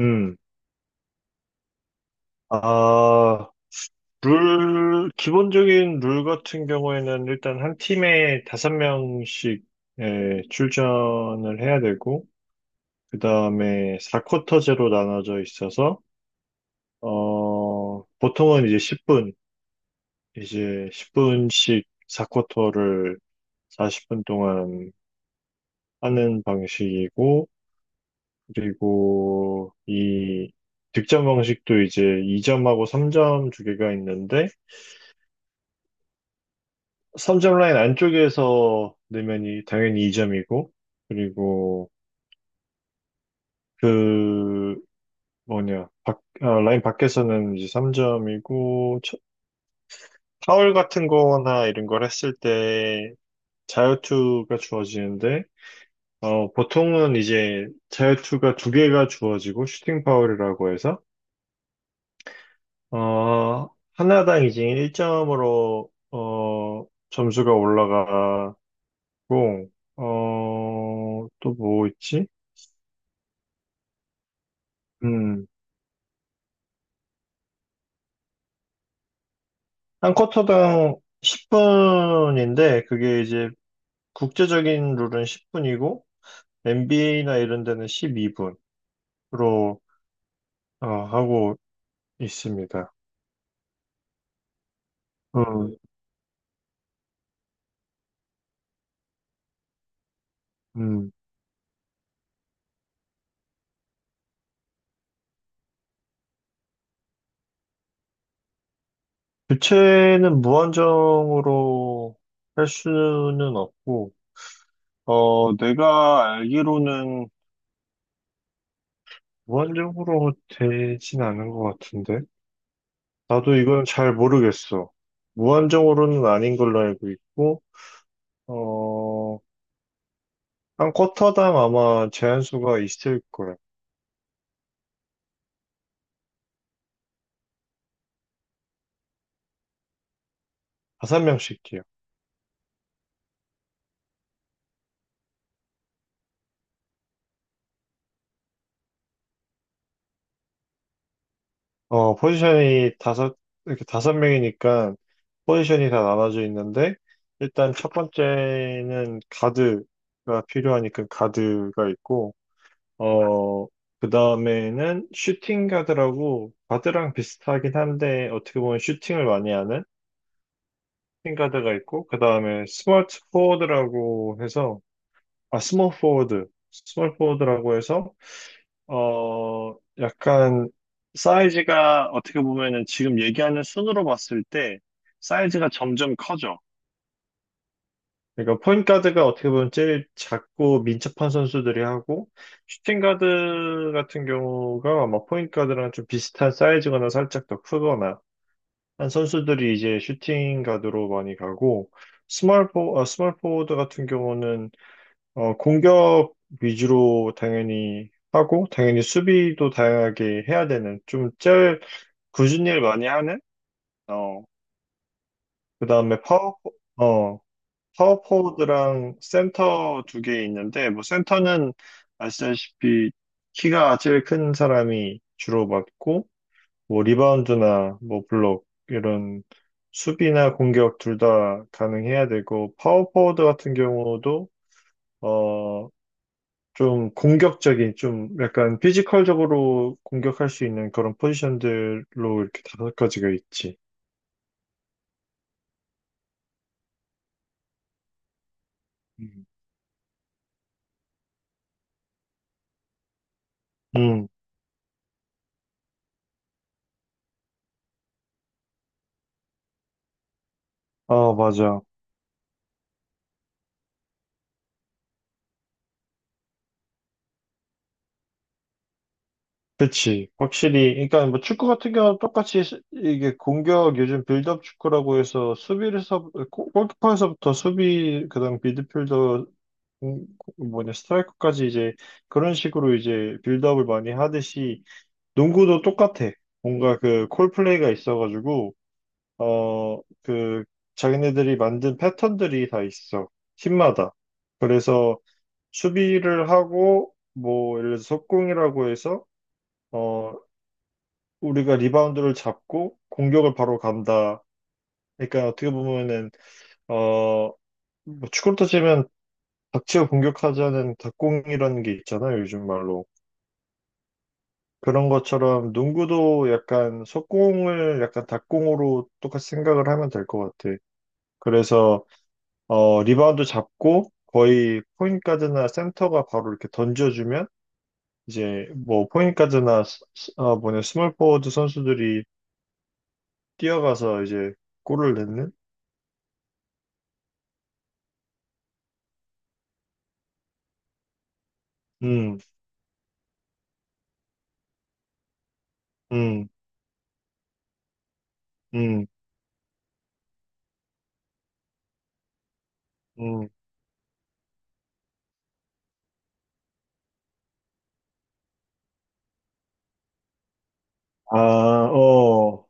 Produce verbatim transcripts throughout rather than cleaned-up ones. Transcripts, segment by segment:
음, 아, 룰, 기본적인 룰 같은 경우에는 일단 한 팀에 다섯 명씩, 예, 출전을 해야 되고, 그 다음에 사 쿼터제로 나눠져 있어서, 어, 보통은 이제 십 분, 이제 십 분씩 사 쿼터를, 사십 분씩 사 쿼터를, 사십 분 동안 하는 방식이고, 그리고 이 득점 방식도 이제 이 점하고 삼 점 두 개가 있는데, 삼 점 라인 안쪽에서 넣으면 당연히 이 점이고, 그리고 그, 뭐냐, 밖- 아, 라인 밖에서는 이제 삼 점이고, 파울 같은 거나 이런 걸 했을 때 자유투가 주어지는데, 어, 보통은 이제 자유투가 두 개가 주어지고, 슈팅 파울이라고 해서, 어, 하나당 이제 일 점으로, 어, 점수가 올라가고, 어, 또 뭐 있지? 음, 한 쿼터당 십 분인데, 그게 이제 국제적인 룰은 십 분이고, 엔비에이나 이런 데는 십이 분으로 하고 있습니다. 음, 음. 교체는 무한정으로 할 수는 없고, 어, 내가 알기로는 무한정으로 되진 않은 것 같은데? 나도 이건 잘 모르겠어. 무한정으로는 아닌 걸로 알고 있고, 어, 한 쿼터당 아마 제한수가 있을 거예요. 다섯 명씩이요. 어, 포지션이 다섯, 이렇게 다섯 명이니까 포지션이 다 나눠져 있는데, 일단 첫 번째는 가드가 필요하니까 가드가 있고, 어, 그 다음에는 슈팅 가드라고, 가드랑 비슷하긴 한데, 어떻게 보면 슈팅을 많이 하는 슈팅 가드가 있고, 그 다음에 스몰 포워드라고 해서, 아, 스몰 포워드, 스몰 포워드라고 해서, 어, 약간 사이즈가 어떻게 보면은 지금 얘기하는 순으로 봤을 때 사이즈가 점점 커져. 그러니까 포인트 가드가 어떻게 보면 제일 작고 민첩한 선수들이 하고, 슈팅 가드 같은 경우가 아마 포인트 가드랑 좀 비슷한 사이즈거나 살짝 더 크거나 한 선수들이 이제 슈팅 가드로 많이 가고, 스몰 포, 아, 스몰 포워드 같은 경우는 어, 공격 위주로 당연히 하고, 당연히 수비도 다양하게 해야 되는, 좀 제일 굳은 일 많이 하는, 어, 그 다음에 파워, 어, 파워 포워드랑 센터 두 개 있는데, 뭐 센터는 아시다시피 키가 제일 큰 사람이 주로 맡고, 뭐 리바운드나 뭐 블록, 이런 수비나 공격 둘 다 가능해야 되고, 파워 포워드 같은 경우도 어, 좀 공격적인, 좀 약간 피지컬적으로 공격할 수 있는 그런 포지션들로 이렇게 다섯 가지가 있지. 음. 음, 아, 맞아. 그치. 확실히, 그러니까 뭐 축구 같은 경우는 똑같이 수- 이게 공격, 요즘 빌드업 축구라고 해서 수비에서, 골키퍼에서부터 수비, 그다음 미드필더, 음, 뭐냐, 스트라이커까지 이제 그런 식으로 이제 빌드업을 많이 하듯이 농구도 똑같아. 뭔가 그 콜플레이가 있어가지고 어, 그, 자기네들이 만든 패턴들이 다 있어. 팀마다. 그래서 수비를 하고, 뭐, 예를 들어서 속공이라고 해서, 어, 우리가 리바운드를 잡고 공격을 바로 간다. 그러니까 어떻게 보면은, 어, 뭐 축구로 따지면 닥치고 공격하자는 닥공이라는 게 있잖아요, 요즘 말로. 그런 것처럼 농구도 약간 속공을 약간 닥공으로 똑같이 생각을 하면 될 것 같아. 그래서 어, 리바운드 잡고 거의 포인트 가드나 센터가 바로 이렇게 던져주면 이제 뭐 포인트 가드나 스- 스- 어, 뭐냐, 스몰 포워드 선수들이 뛰어가서 이제 골을 넣는? 음, 음, 음, 음. 아, 어.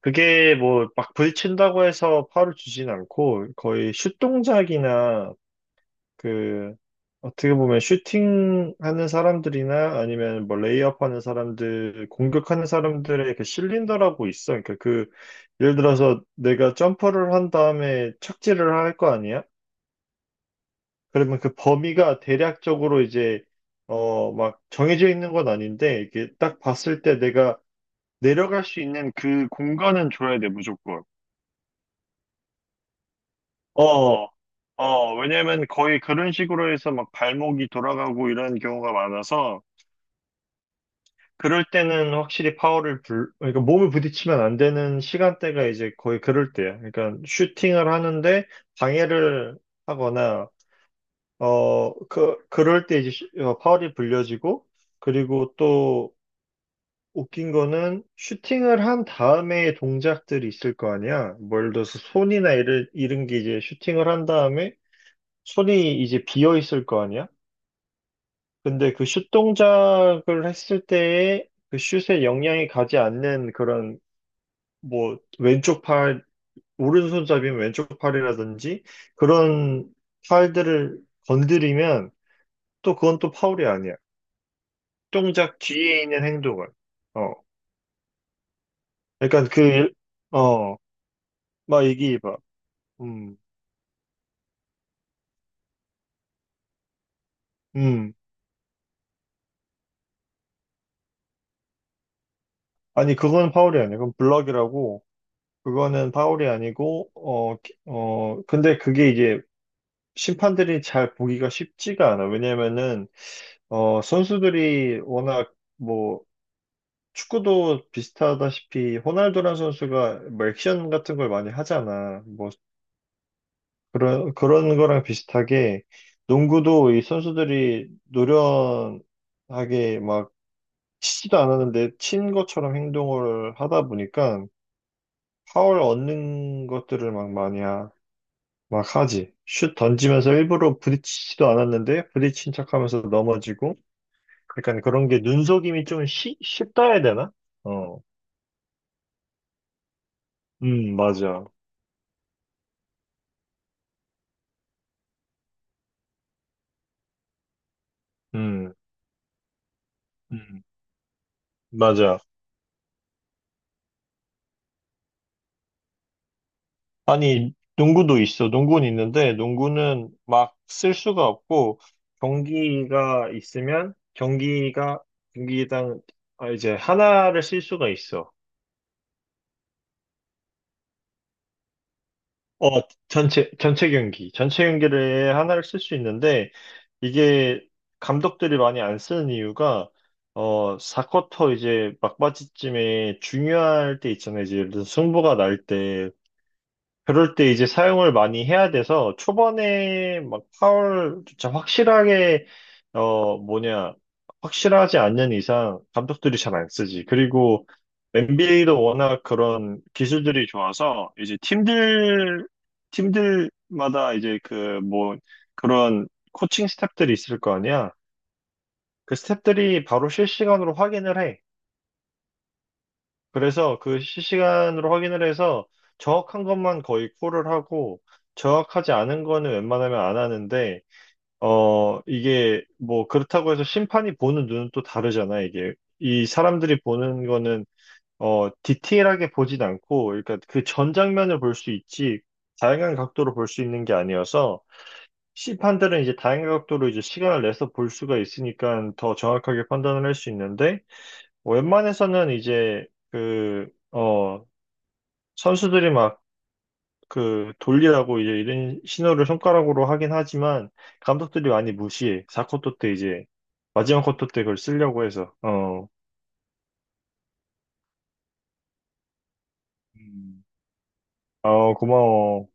그게 뭐 막 부딪힌다고 해서 파울을 주진 않고 거의 슛 동작이나 그 어떻게 보면 슈팅하는 사람들이나 아니면 뭐 레이업하는 사람들, 공격하는 사람들의 그 실린더라고 있어. 그러니까 그 예를 들어서 내가 점퍼를 한 다음에 착지를 할 거 아니야? 그러면 그 범위가 대략적으로 이제 어 막 정해져 있는 건 아닌데, 이게 딱 봤을 때 내가 내려갈 수 있는 그 공간은 줘야 돼, 무조건. 어. 어, 왜냐면 거의 그런 식으로 해서 막 발목이 돌아가고 이런 경우가 많아서, 그럴 때는 확실히 파워를 불, 그러니까 몸을 부딪히면 안 되는 시간대가 이제 거의 그럴 때야. 그러니까 슈팅을 하는데 방해를 하거나, 어, 그, 그럴 때 이제 슈- 어, 파울이 불려지고, 그리고 또 웃긴 거는 슈팅을 한 다음에 동작들이 있을 거 아니야. 뭐 예를 들어서 손이나 이런, 이런 게 이제 슈팅을 한 다음에 손이 이제 비어 있을 거 아니야. 근데 그 슛 동작을 했을 때에 그 슛에 영향이 가지 않는 그런 뭐 왼쪽 팔, 오른손잡이면 왼쪽 팔이라든지 그런 팔들을 건드리면 또 그건 또 파울이 아니야. 동작 뒤에 있는 행동을. 어. 약간 그, 일- 어, 막 얘기해봐. 음, 음. 아니, 그건 파울이 아니야. 그건 블럭이라고. 그거는 파울이 아니고, 어, 기- 어, 근데 그게 이제 심판들이 잘 보기가 쉽지가 않아. 왜냐면은, 어, 선수들이 워낙 뭐 축구도 비슷하다시피 호날두란 선수가 뭐 액션 같은 걸 많이 하잖아. 뭐 그런 그런 거랑 비슷하게 농구도 이 선수들이 노련하게 막 치지도 않았는데 친 것처럼 행동을 하다 보니까 파울 얻는 것들을 막 많이 하, 막 하지. 슛 던지면서 일부러 부딪히지도 않았는데 부딪힌 척하면서 넘어지고 약간 그런 게 눈속임이 좀 쉬, 쉽다 해야 되나? 어, 음 맞아. 음. 음. 맞아. 아니, 농구도 있어. 농구는 있는데, 농구는 막 쓸 수가 없고, 경기가 있으면, 경기가, 경기당, 아, 이제 하나를 쓸 수가 있어. 어, 전체, 전체 경기. 전체 경기를 하나를 쓸 수 있는데, 이게 감독들이 많이 안 쓰는 이유가, 어, 사 쿼터 이제 막바지쯤에 중요할 때 있잖아요. 이제 예를 들어서 승부가 날 때, 그럴 때 이제 사용을 많이 해야 돼서 초반에 막 파울조차 확실하게 어 뭐냐, 확실하지 않는 이상 감독들이 잘 안 쓰지. 그리고 엔비에이도 워낙 그런 기술들이 좋아서 이제 팀들 팀들마다 이제 그 뭐 그런 코칭 스태프들이 있을 거 아니야. 그 스태프들이 바로 실시간으로 확인을 해. 그래서 그 실시간으로 확인을 해서 정확한 것만 거의 콜을 하고 정확하지 않은 거는 웬만하면 안 하는데, 어 이게 뭐 그렇다고 해서 심판이 보는 눈은 또 다르잖아. 이게 이 사람들이 보는 거는 어 디테일하게 보진 않고, 그러니까 그 전 장면을 볼 수 있지, 다양한 각도로 볼 수 있는 게 아니어서, 심판들은 이제 다양한 각도로 이제 시간을 내서 볼 수가 있으니까 더 정확하게 판단을 할 수 있는데, 웬만해서는 이제 그어 선수들이 막 그 돌리라고 이제 이런 신호를 손가락으로 하긴 하지만 감독들이 많이 무시해. 사 쿼터 때 이제 마지막 쿼터 때 그걸 쓰려고 해서. 어, 음, 어 고마워.